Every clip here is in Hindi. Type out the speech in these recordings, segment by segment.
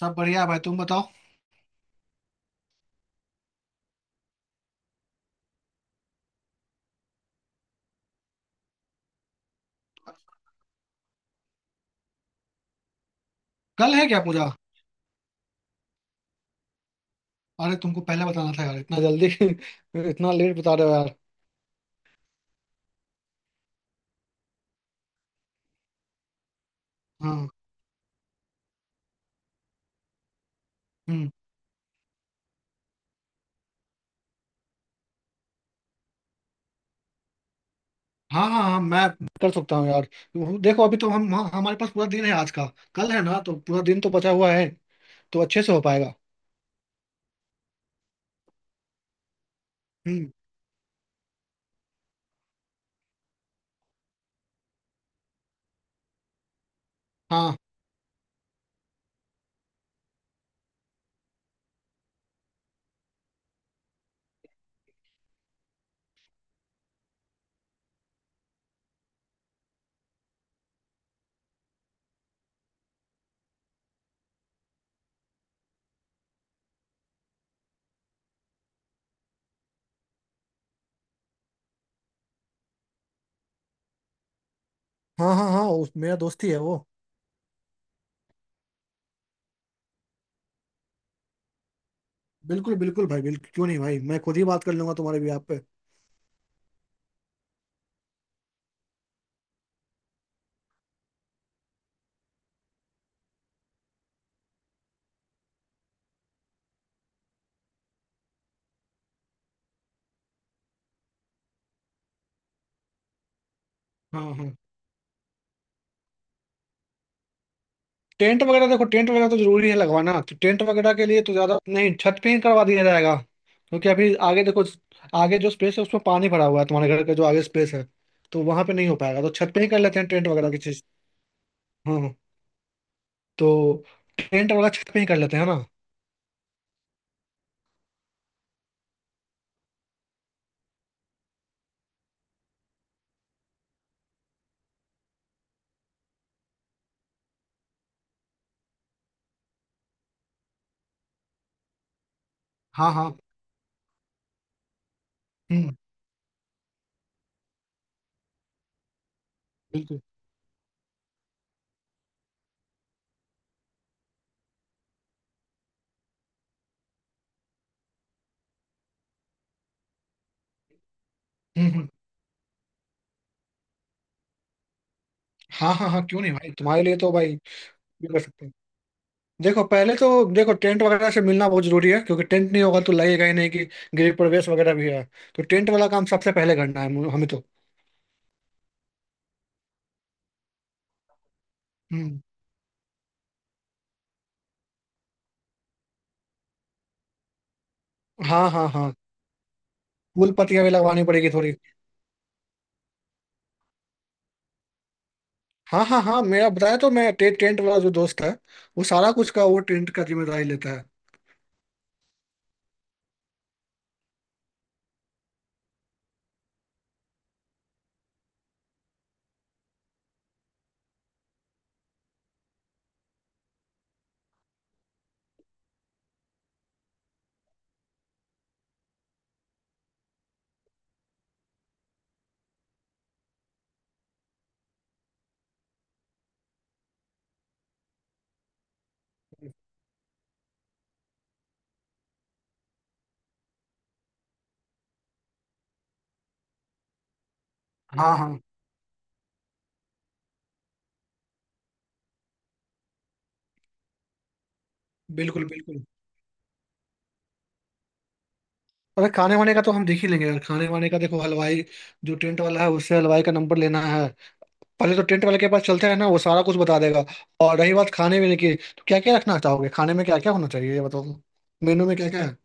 सब बढ़िया भाई तुम बताओ। कल है क्या पूजा। अरे तुमको पहले बताना था यार इतना जल्दी। इतना लेट बता रहे हो यार। हाँ। हम्म। हाँ हाँ हाँ, मैं कर सकता हूँ यार। देखो अभी तो हमारे पास पूरा दिन है आज का। कल है ना तो पूरा दिन तो बचा हुआ है। तो अच्छे से हो पाएगा। हम्म। हाँ हाँ हाँ हाँ, उस मेरा दोस्त ही है वो। बिल्कुल बिल्कुल भाई बिल्कुल, क्यों नहीं भाई, मैं खुद ही बात कर लूंगा तुम्हारे भी आप पे। हाँ हाँ। टेंट वगैरह देखो, टेंट वगैरह तो जरूरी है लगवाना, तो टेंट वगैरह के लिए तो ज्यादा नहीं, छत पे ही करवा दिया जाएगा। क्योंकि अभी आगे देखो, आगे जो स्पेस है उसमें पानी भरा हुआ है, तुम्हारे घर का जो आगे स्पेस है। तो वहां पे नहीं हो पाएगा तो छत पे ही कर लेते हैं टेंट वगैरह की चीज। हाँ हाँ। तो टेंट वगैरह छत पे ही कर लेते हैं ना। हाँ हाँ। हम्म। बिल्कुल। हम्म हम्म। हाँ हाँ हाँ, क्यों नहीं भाई, तुम्हारे लिए तो भाई ये कर सकते हैं। देखो पहले तो, देखो टेंट वगैरह से मिलना बहुत जरूरी है, क्योंकि टेंट नहीं होगा तो लगेगा ही नहीं कि गृह प्रवेश वगैरह भी है। तो टेंट वाला काम सबसे पहले करना है हमें तो। हम्म। हाँ हाँ हाँ, फूल पत्तियां भी लगवानी पड़ेगी थोड़ी। हाँ हाँ हाँ, मेरा बताया तो मैं टेंट वाला जो दोस्त है, वो सारा कुछ का वो टेंट का जिम्मेदारी लेता है। हाँ हाँ। बिल्कुल बिल्कुल। अरे खाने वाने का तो हम देख ही लेंगे यार, खाने वाने का देखो, हलवाई जो टेंट वाला है उससे हलवाई का नंबर लेना है। पहले तो टेंट वाले के पास चलते हैं ना, वो सारा कुछ बता देगा। और रही बात खाने पीने की, तो क्या क्या रखना चाहोगे खाने में, क्या क्या होना चाहिए ये बताओ। मेनू में क्या क्या है।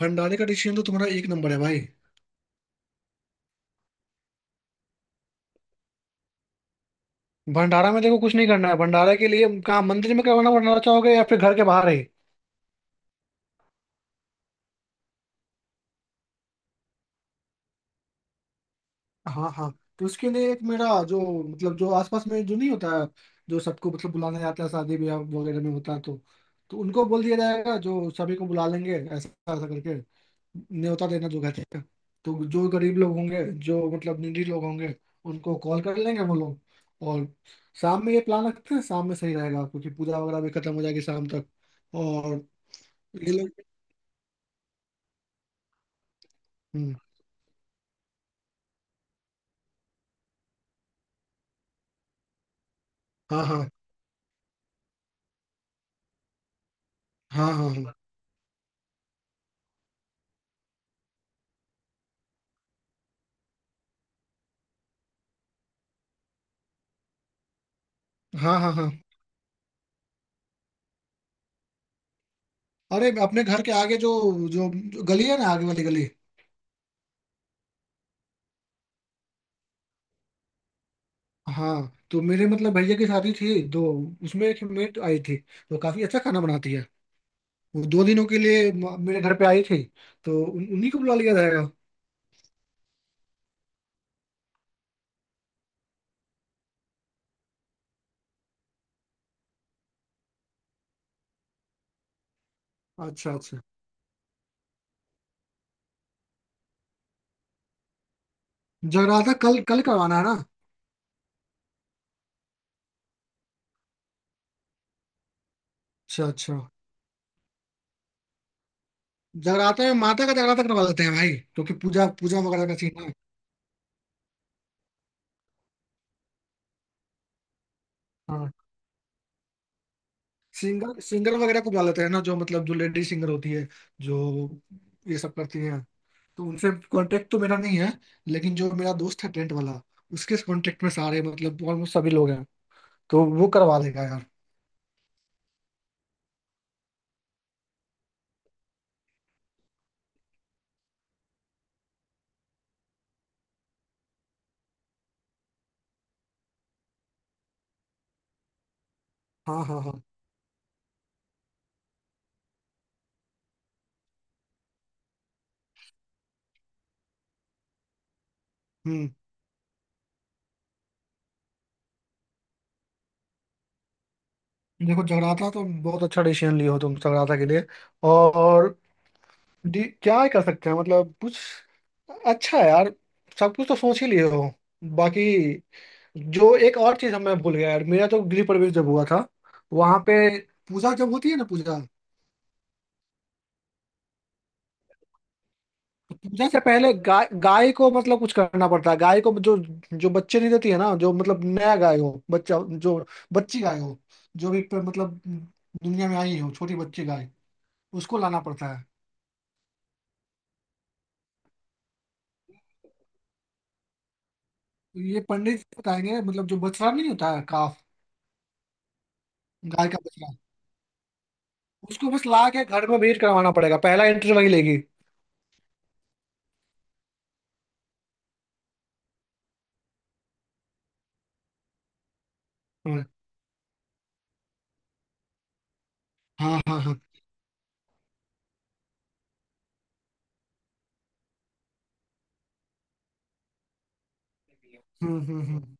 भंडारे का डिसीजन तो तुम्हारा एक नंबर है भाई। भंडारा में देखो कुछ नहीं करना है, भंडारा के लिए कहाँ मंदिर में करवाना भंडारा चाहोगे या फिर घर के बाहर ही। हाँ हाँ। तो उसके लिए एक मेरा जो मतलब जो आसपास में जो नहीं होता है, जो सबको मतलब बुलाने जाता है, शादी ब्याह वगैरह में होता है तो उनको बोल दिया जाएगा, जो सभी को बुला लेंगे ऐसा ऐसा करके, न्योता देना जो कहते हैं। तो जो गरीब लोग होंगे, जो मतलब निडी लोग होंगे, उनको कॉल कर लेंगे वो लोग। और शाम में ये प्लान रखते हैं, शाम में सही रहेगा क्योंकि पूजा वगैरह भी खत्म हो जाएगी शाम तक। और ये लोग। हम्म। हाँ हाँ हाँ हाँ हाँ हाँ हाँ हाँ। अरे अपने घर के आगे जो, जो गली है ना, आगे वाली गली। हाँ तो मेरे मतलब भैया की शादी थी तो उसमें एक मेट आई थी, तो काफी अच्छा खाना बनाती है। वो दो दिनों के लिए मेरे घर पे आई थी। तो उन्हीं को बुला लिया जाएगा। अच्छा अच्छा। जगराता कल कल करवाना है ना। अच्छा अच्छा। जगराता में माता का जगराता करवा लेते हैं भाई, क्योंकि पूजा पूजा वगैरह का सीन है। हाँ। सिंगर सिंगर वगैरह को बुला लेते हैं ना, जो मतलब जो लेडी सिंगर होती है, जो ये सब करती है। तो उनसे कांटेक्ट तो मेरा नहीं है, लेकिन जो मेरा दोस्त है टेंट वाला, उसके कांटेक्ट में सारे मतलब ऑलमोस्ट सभी लोग हैं, तो वो करवा देगा यार। हाँ हाँ हाँ। हम्म। देखो जगराता तो बहुत अच्छा डिसीजन लिए हो तुम जगराता के लिए। और क्या ही कर सकते हैं मतलब, कुछ अच्छा है यार, सब कुछ तो सोच ही लिए हो। बाकी, जो एक और चीज मैं भूल गया यार, मेरा तो गृह प्रवेश जब हुआ था, वहां पे पूजा जब होती है ना पूजा, पूजन से पहले गाय गाय को मतलब कुछ करना पड़ता है। गाय को जो, जो बच्चे नहीं देती है ना, जो मतलब नया गाय हो बच्चा, जो बच्ची गाय हो, मतलब दुनिया में आई हो छोटी बच्ची गाय, उसको लाना पड़ता है। तो ये पंडित बताएंगे, मतलब जो बछड़ा नहीं होता है काफ, गाय का बछड़ा, उसको बस ला के घर में ब्रीड करवाना पड़ेगा, पहला एंट्री वही लेगी। हाँ हाँ हाँ हाँ। हम्म हम्म हम्म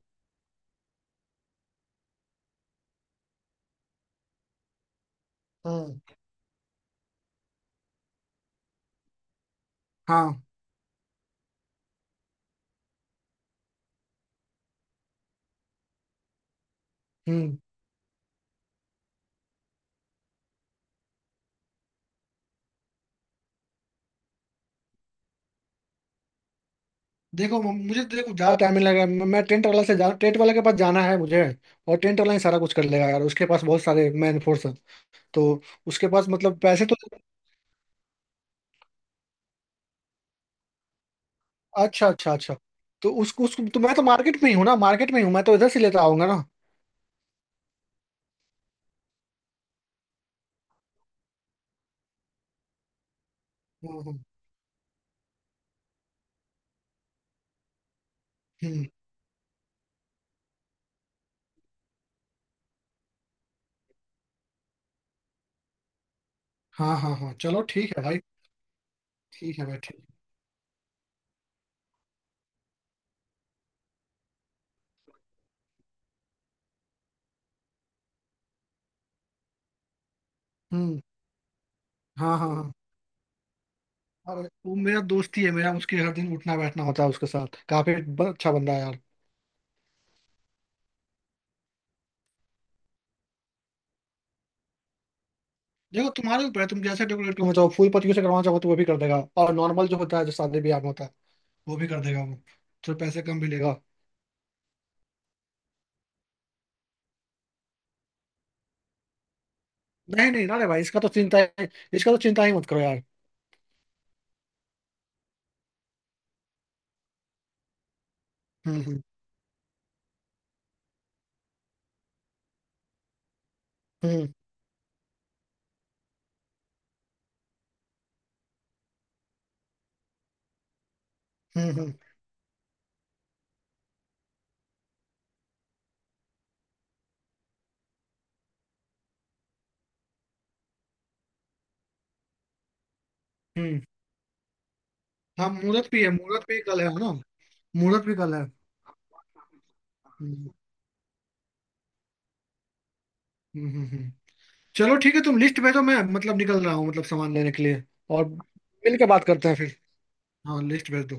हम्म, हाँ। हम्म। देखो मुझे तो देखो ज्यादा टाइम नहीं लगेगा, मैं टेंट वाला से जा टेंट वाले के पास जाना है मुझे। और टेंट वाला ही सारा कुछ कर लेगा यार, उसके पास बहुत सारे मैन फोर्स है। तो उसके पास मतलब पैसे तो। अच्छा अच्छा अच्छा। तो उसको उसको तो मैं तो मार्केट में ही हूँ ना, मार्केट में ही हूँ, मैं तो इधर से लेता आऊंगा ना। हम्म हम्म हम्म, हाँ हाँ हाँ, चलो ठीक है भाई। ठीक है भाई ठीक है। हम्म। हाँ हाँ हाँ, अरे वो मेरा दोस्त ही है मेरा, उसके हर दिन उठना बैठना होता है उसके साथ, काफी अच्छा बंदा है यार। देखो तुम्हारे ऊपर है, तुम जैसे डेकोरेट करना चाहो, फूल पत्तियों से करवाना चाहो तो वो भी कर देगा, और नॉर्मल जो होता है जो शादी ब्याह में होता है वो भी कर देगा वो। तो पैसे कम भी लेगा। नहीं नहीं ना रे भाई, इसका तो चिंता है, इसका तो चिंता ही मत करो यार। हम्म हम्म हम्म हम्म हम्म हम्म। हाँ मुहूर्त भी है, मुहूर्त भी कल है ना। मुहूर्त भी कल है। हम्म हम्म हम्म, हम्म। चलो ठीक है, तुम लिस्ट भेजो, मैं मतलब निकल रहा हूँ मतलब सामान लेने के लिए। और मिल के बात करते हैं फिर। हाँ लिस्ट भेज दो।